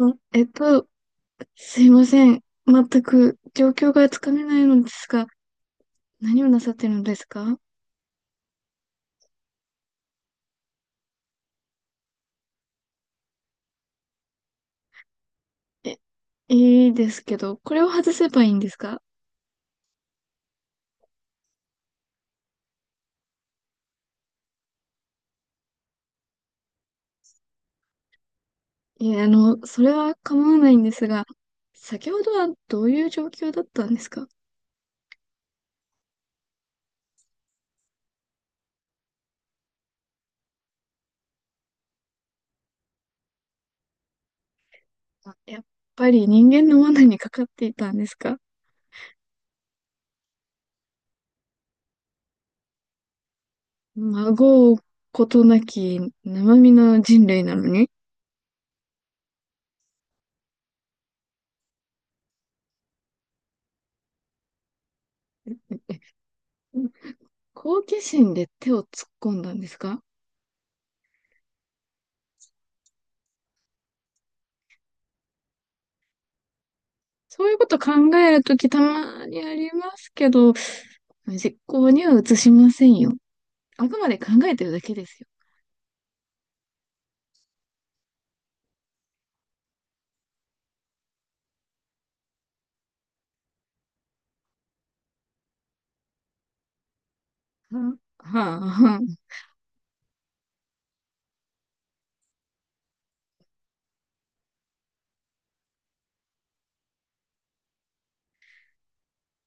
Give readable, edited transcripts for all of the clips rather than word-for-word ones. あ、えっと、すいません。全く状況がつかめないのですが、何をなさってるのですか？え、いいですけど、これを外せばいいんですか？いや、あの、それは構わないんですが、先ほどはどういう状況だったんですか？あ、やっぱり人間の罠にかかっていたんですか？孫うことなき生身の人類なのに、好奇心で手を突っ込んだんですか？そういうこと考えるときたまにありますけど、実行には移しませんよ。あくまで考えてるだけですよ。はあはあ、はあ、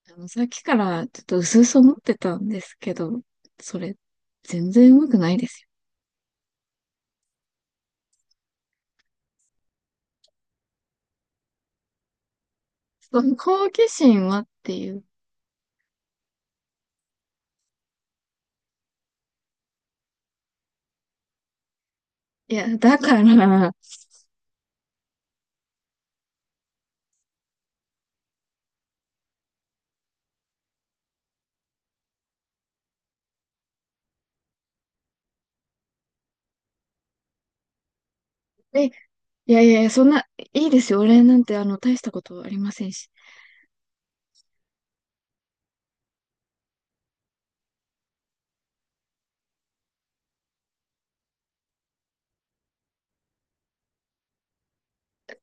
あの、さっきからちょっと薄々思ってたんですけど、それ、全然うまくないですよ。その好奇心はっていう。いや、だから、え、いやいやいや、そんな、いいですよ。俺なんて、あの、大したことありませんし。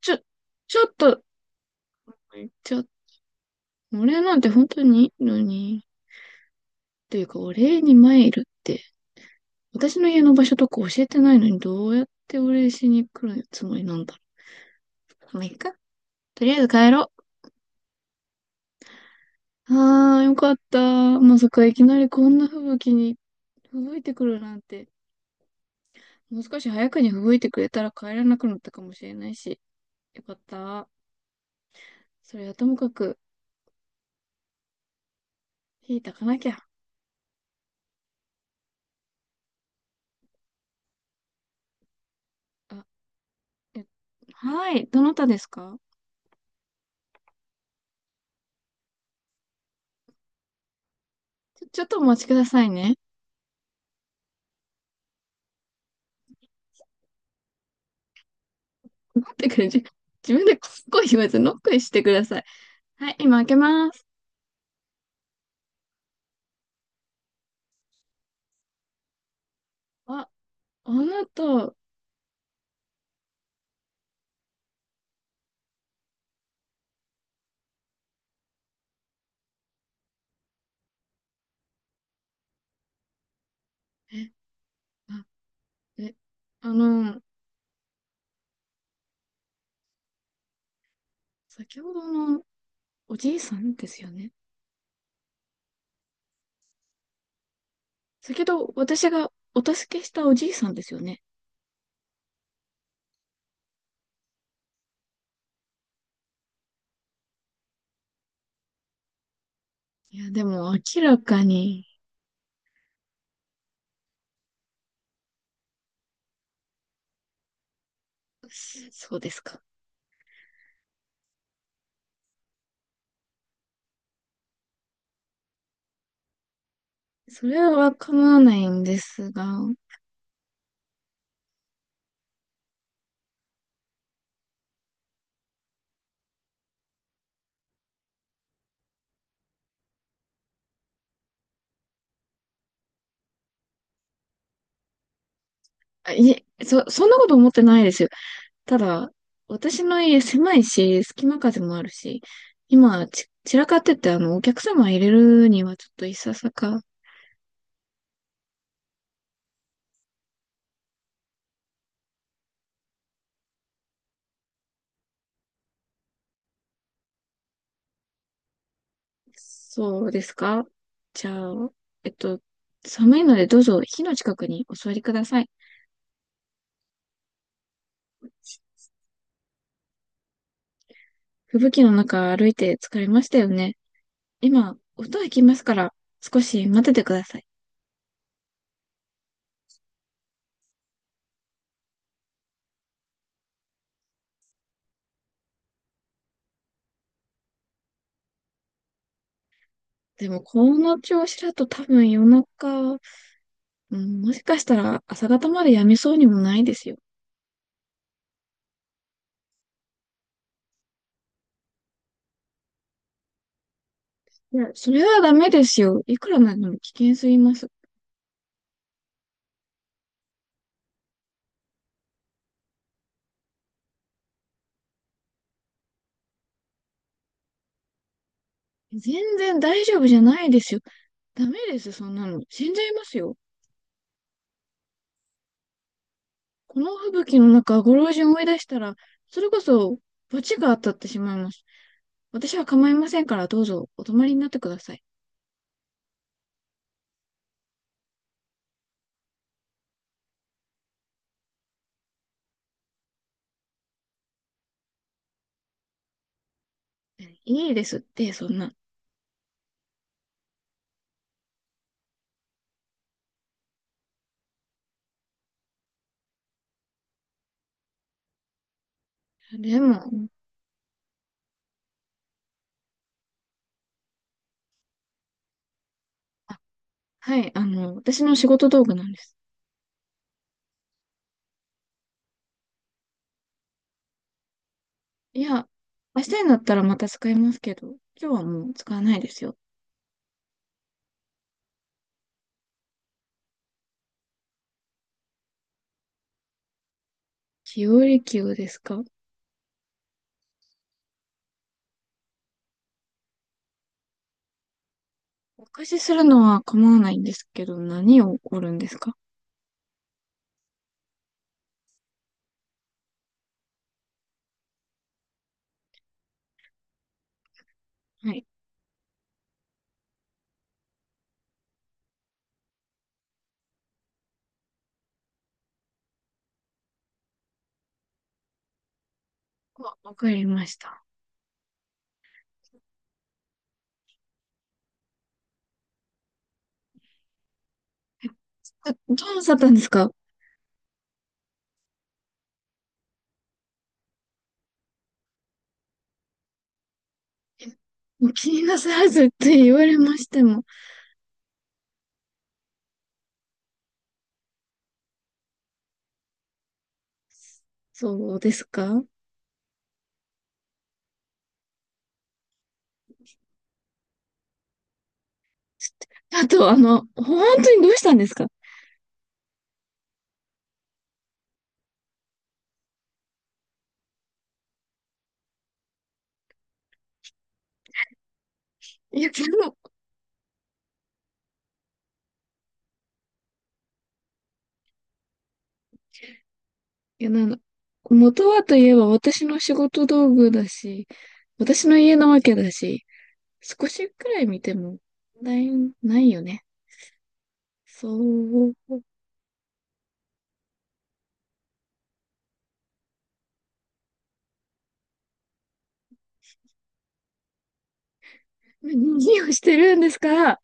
ちょ、ちょっと、ちょ、俺なんて本当にいいのに、というか、お礼に参るって。私の家の場所とか教えてないのに、どうやってお礼しに来るつもりなんだろう。まあ、いいか。とりあえず帰ろう。あー、よかった。まさかいきなりこんな吹雪に吹雪いてくるなんて。もう少し早くに吹雪いてくれたら帰らなくなったかもしれないし。よかった。それはともかく、火炊かなきゃ。あ、え、はい。どなたですか？ちょ、ちょっとお待ちくださいね。待ってくれ、自分でこっこい言わずノックしてください。はい、今開けます。あ、あなた、え、あ、え、あの、先ほどのおじいさんですよね。先ほど私がお助けしたおじいさんですよね。いや、でも明らかに、そ、そうですか。それは構わないんですが、あ、いえ、そ、そんなこと思ってないですよ。ただ、私の家狭いし、隙間風もあるし、今、ち、散らかってて、あの、お客様入れるにはちょっといささか、そうですか。じゃあ、えっと、寒いのでどうぞ火の近くにお座りください。吹雪の中歩いて疲れましたよね。今、音がきますから少し待っててください。でも、この調子だと多分夜中、うん、もしかしたら朝方までやめそうにもないですよ。いや、それはダメですよ。いくらなんでも危険すぎます。全然大丈夫じゃないですよ。ダメです、そんなの。死んじゃいますよ。この吹雪の中、ご老人を追い出したら、それこそ、罰が当たってしまいます。私は構いませんから、どうぞお泊まりになってください。いいですって、そんな。でも、あ、はい、あの、私の仕事道具なんです。いや、明日になったらまた使いますけど、今日はもう使わないですよ。日和級ですか？お貸しするのは構わないんですけど、何を起こるんですか？はい。わ、わかりました。あ、どうなさったんですか？もう気になさらずって言われましても。そうですか。あと、あの、本当にどうしたんですか？いや、でも、いや、なんだ、元はといえば私の仕事道具だし、私の家なわけだし、少しくらい見ても問題ないよね。そう、何をしてるんですか？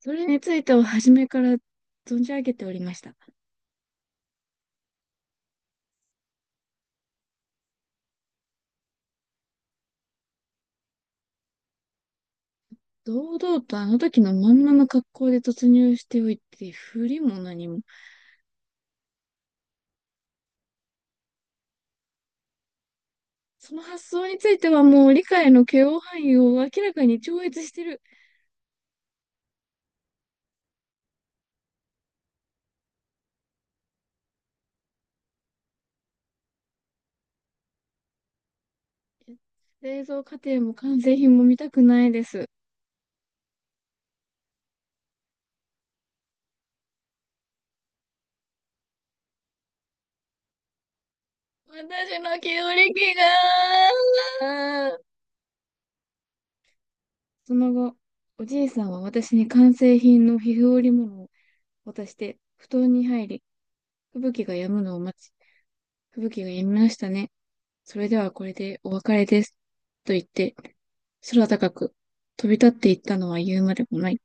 それについては初めから存じ上げておりました。堂々とあの時のまんまの格好で突入しておいて、振りも何も。その発想についてはもう理解の許容範囲を明らかに超越してる。製造過程も完成品も見たくないです。私の記憶力が。その後、おじいさんは私に完成品の皮膚織物を渡して、布団に入り、吹雪が止むのを待ち、吹雪が止みましたね。それではこれでお別れです。と言って、空高く飛び立っていったのは言うまでもない。